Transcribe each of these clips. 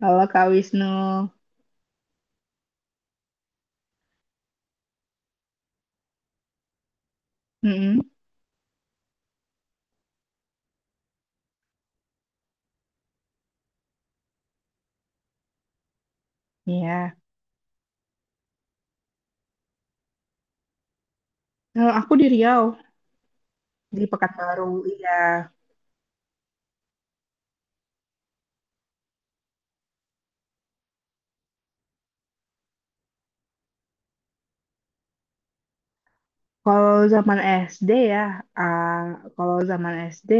Halo Kak Wisnu. Mm-mm, Iya. Kalau aku di Riau, di Pekanbaru. Iya. Kalau zaman SD ya, ah, kalau zaman SD,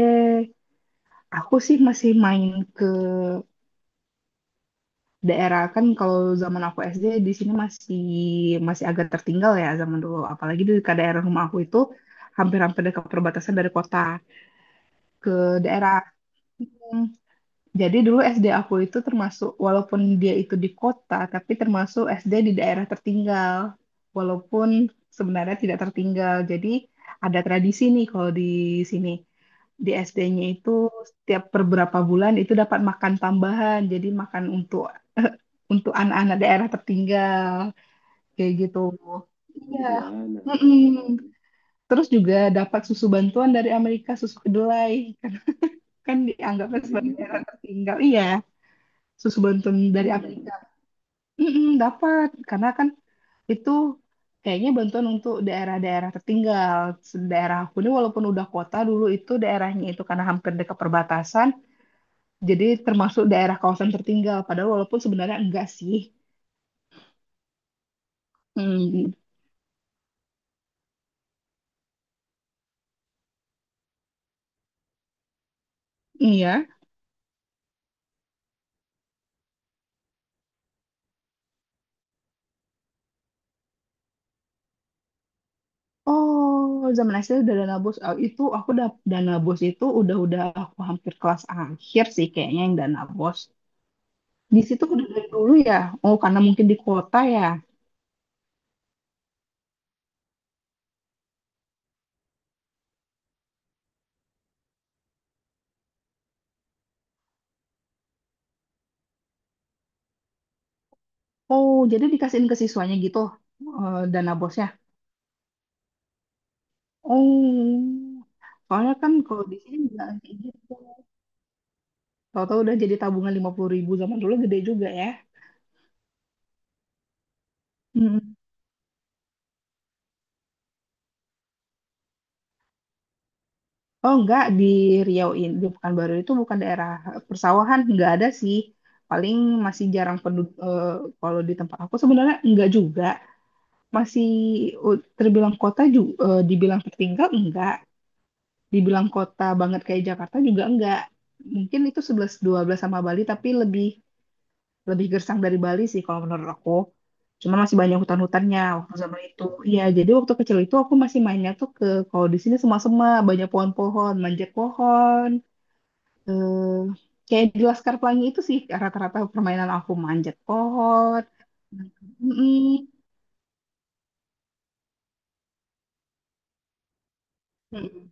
aku sih masih main ke daerah kan. Kalau zaman aku SD di sini masih masih agak tertinggal ya zaman dulu. Apalagi ke daerah rumah aku itu hampir-hampir dekat perbatasan dari kota ke daerah. Jadi dulu SD aku itu termasuk, walaupun dia itu di kota, tapi termasuk SD di daerah tertinggal. Walaupun sebenarnya tidak tertinggal. Jadi ada tradisi nih kalau di sini. Di SD-nya itu setiap beberapa bulan itu dapat makan tambahan. Jadi makan untuk untuk anak-anak daerah tertinggal. Kayak gitu. Iya. Iya, Mm-mm. Terus juga dapat susu bantuan dari Amerika, susu kedelai. Kan dianggapnya sebagai daerah tertinggal. Iya susu bantuan dari Afrika. Mm-mm, dapat karena kan itu kayaknya bantuan untuk daerah-daerah tertinggal. Daerah aku ini walaupun udah kota dulu itu daerahnya itu karena hampir dekat perbatasan, jadi termasuk daerah kawasan tertinggal. Padahal walaupun sebenarnya enggak sih. Hmm, iya. Oh, zaman SD udah dana bos. Oh, itu aku udah dana bos itu udah-udah aku hampir kelas akhir sih kayaknya yang dana bos. Di situ udah dari dulu ya. Oh, karena mungkin di kota ya. Oh, jadi dikasihin ke siswanya gitu dana bosnya. Oh, soalnya kan kalau di sini nggak kayak gitu. Tahu-tahu udah jadi tabungan 50.000 zaman dulu gede juga ya. Mm-mm. Oh enggak di Riau ini di Pekanbaru itu bukan daerah persawahan nggak ada sih. Paling masih jarang penduduk kalau di tempat aku sebenarnya enggak juga. Masih terbilang kota juga dibilang tertinggal enggak. Dibilang kota banget kayak Jakarta juga enggak. Mungkin itu sebelas dua belas sama Bali, tapi lebih lebih gersang dari Bali sih kalau menurut aku. Cuman masih banyak hutan-hutannya waktu zaman itu. Iya, jadi waktu kecil itu aku masih mainnya tuh ke, kalau di sini semua-semua, banyak pohon-pohon, manjat pohon. Eh, Kayak di Laskar Pelangi itu sih rata-rata permainan aku manjat pohon. Mm-mm. Mm-mm.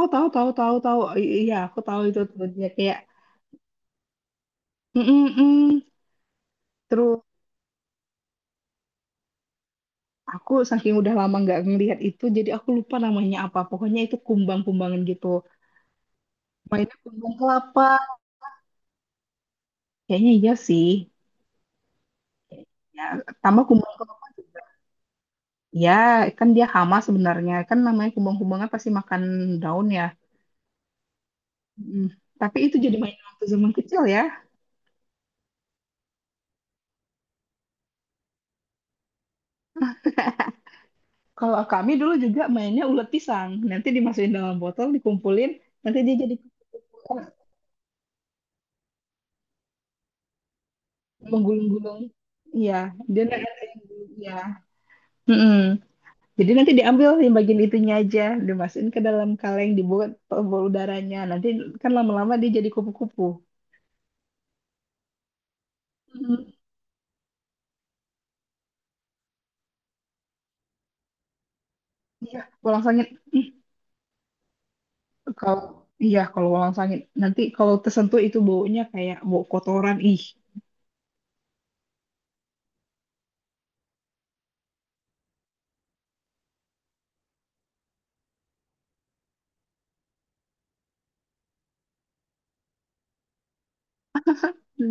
Oh, tahu tahu tahu tahu iya aku tahu itu tuh dia kayak mm-mm-mm. Terus, aku saking udah lama nggak ngelihat itu, jadi aku lupa namanya apa. Pokoknya itu kumbang-kumbangan gitu. Mainnya kumbang kelapa. Kayaknya iya sih. Ya, tambah kumbang kelapa juga. Ya, kan dia hama sebenarnya. Kan namanya kumbang-kumbangan pasti makan daun ya. Mm. Tapi itu jadi mainan waktu zaman kecil ya. Kalau kami dulu juga mainnya ulet pisang. Nanti dimasukin dalam botol, dikumpulin. Nanti dia jadi menggulung-gulung. Iya, dia nanti. Iya. Mm-mm. Jadi nanti diambil yang bagian itunya aja, dimasukin ke dalam kaleng, dibuat pembuluh udaranya. Nanti kan lama-lama dia jadi kupu-kupu. Mhm. Iya, walang sangit. Ih, kalau iya kalau walang sangit nanti kalau tersentuh itu baunya kayak bau kotoran. Ih,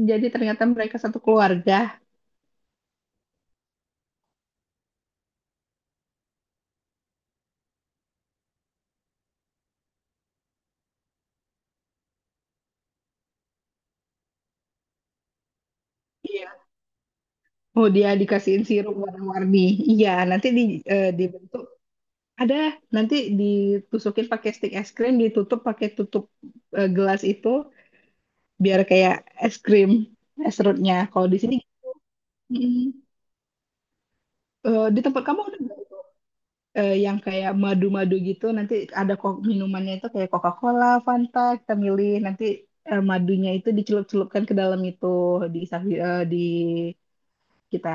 jadi ternyata mereka satu keluarga. Iya. Oh, dia dikasihin sirup warna-warni. Iya, nanti dibentuk ada nanti ditusukin pakai stik es krim, ditutup pakai tutup gelas itu. Biar kayak es krim es serutnya kalau di sini. mm, di tempat kamu ada nggak yang kayak madu-madu gitu? Nanti ada kok minumannya itu kayak Coca-Cola Fanta kita milih. Nanti madunya itu dicelup-celupkan ke dalam itu, di sapi- eh, di kita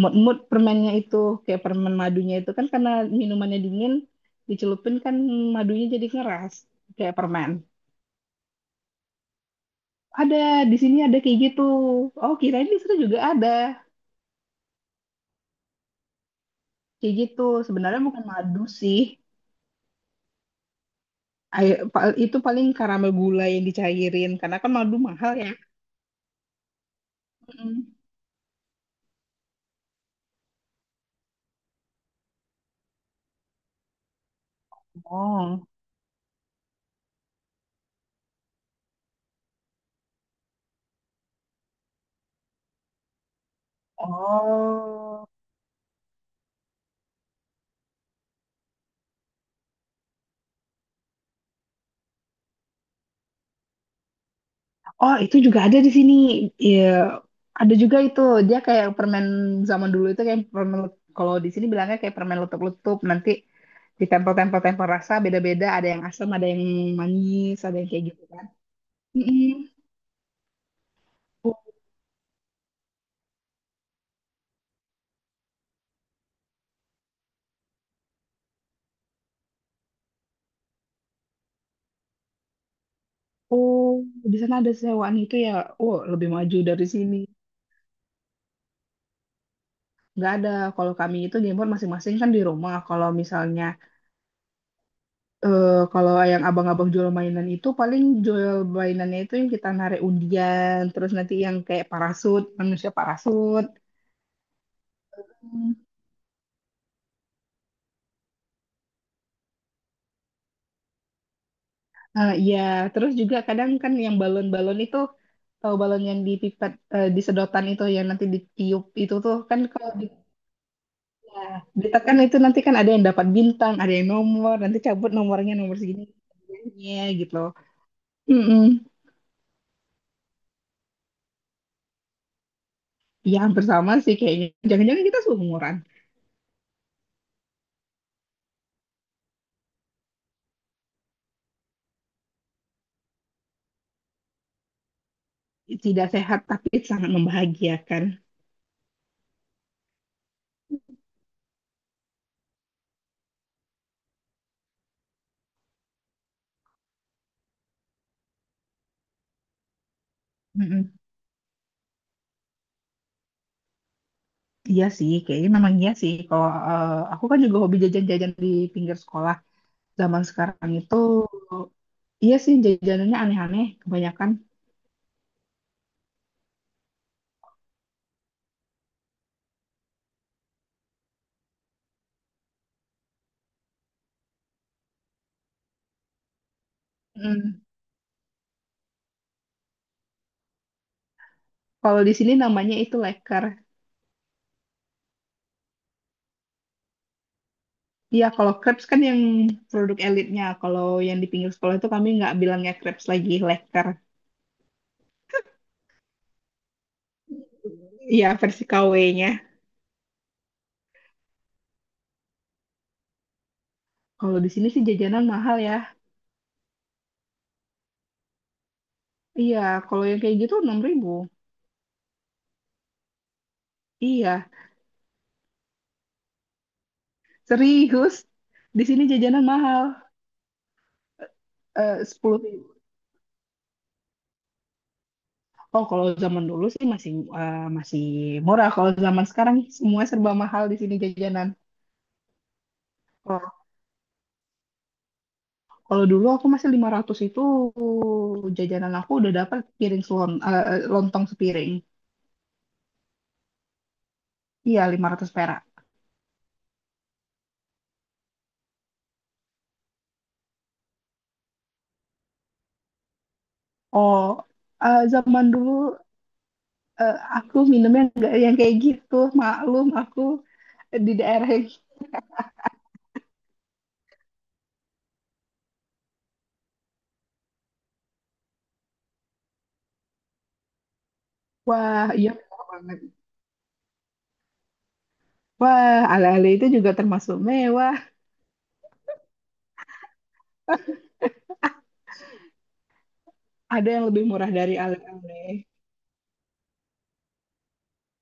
mut-mut permennya itu, kayak permen madunya itu kan. Karena minumannya dingin, dicelupin kan madunya jadi ngeras kayak permen. Ada di sini, ada kayak gitu. Oh, kirain di sana juga ada. Kayak gitu. Sebenarnya bukan madu sih. Air- pa- itu paling karamel gula yang dicairin. Karena kan madu mahal ya. Mm. Oh, Oh, oh, itu juga ada di sini. Iya, ada juga itu. Dia kayak permen zaman dulu itu kayak kalau di sini bilangnya kayak permen letup-letup. Nanti ditempel-tempel rasa beda-beda. Ada yang asam, ada yang manis, ada yang kayak gitu kan. Mm-mm. Oh, oh, di sana ada sewaan itu ya. Oh, lebih maju dari sini. Nggak ada. Kalau kami itu gameport masing-masing kan di rumah. Kalau misalnya, eh kalau yang abang-abang jual mainan itu paling jual mainannya itu yang kita narik undian, terus nanti yang kayak parasut, manusia parasut. Hmm. Iya, terus juga kadang kan yang balon-balon itu, tahu balon yang dipipet, di sedotan itu yang nanti ditiup itu tuh kan kalau di, ya, ditekan itu nanti kan ada yang dapat bintang, ada yang nomor, nanti cabut nomornya nomor segini, segininya gitu. Mm-mm. Ya, hampir sama sih kayaknya. Jangan-jangan kita seumuran. Tidak sehat tapi sangat membahagiakan. Mm-mm. Iya sih, kayaknya memang iya sih. Kalau aku kan juga hobi jajan-jajan di pinggir sekolah. Zaman sekarang itu, iya sih jajanannya aneh-aneh kebanyakan. Mm. Kalau di sini namanya itu leker. Iya, kalau crepes kan yang produk elitnya. Kalau yang di pinggir sekolah itu kami nggak bilangnya crepes lagi, leker. Iya, versi KW-nya. Kalau di sini sih jajanan mahal ya. Iya, kalau yang kayak gitu 6.000. Iya, serius. Di sini jajanan mahal. 10.000. Oh, kalau zaman dulu sih masih murah. Kalau zaman sekarang semua serba mahal di sini jajanan. Kalau kalau dulu aku masih 500 itu jajanan aku udah dapat piring selon, lontong sepiring. Iya, 500 perak. Oh, zaman dulu aku minumnya nggak yang kayak gitu. Maklum aku di daerah yang wah, iya mewah banget. Wah, ala-ala itu juga termasuk mewah. Ada yang lebih murah dari Ale-Ale.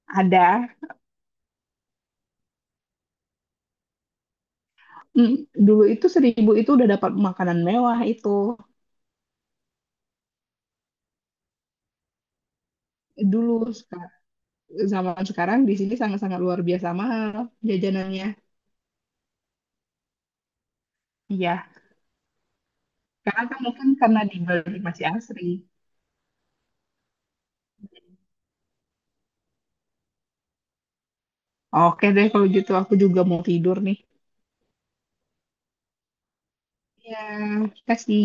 Ada. Mm, Dulu itu 1.000 itu udah dapat makanan mewah itu. Dulu seka- Zaman sekarang di sini sangat-sangat luar biasa mahal jajanannya. Iya. Karena kan mungkin karena di Bali masih asri. Oke deh kalau gitu aku juga mau tidur nih. Iya, kasih.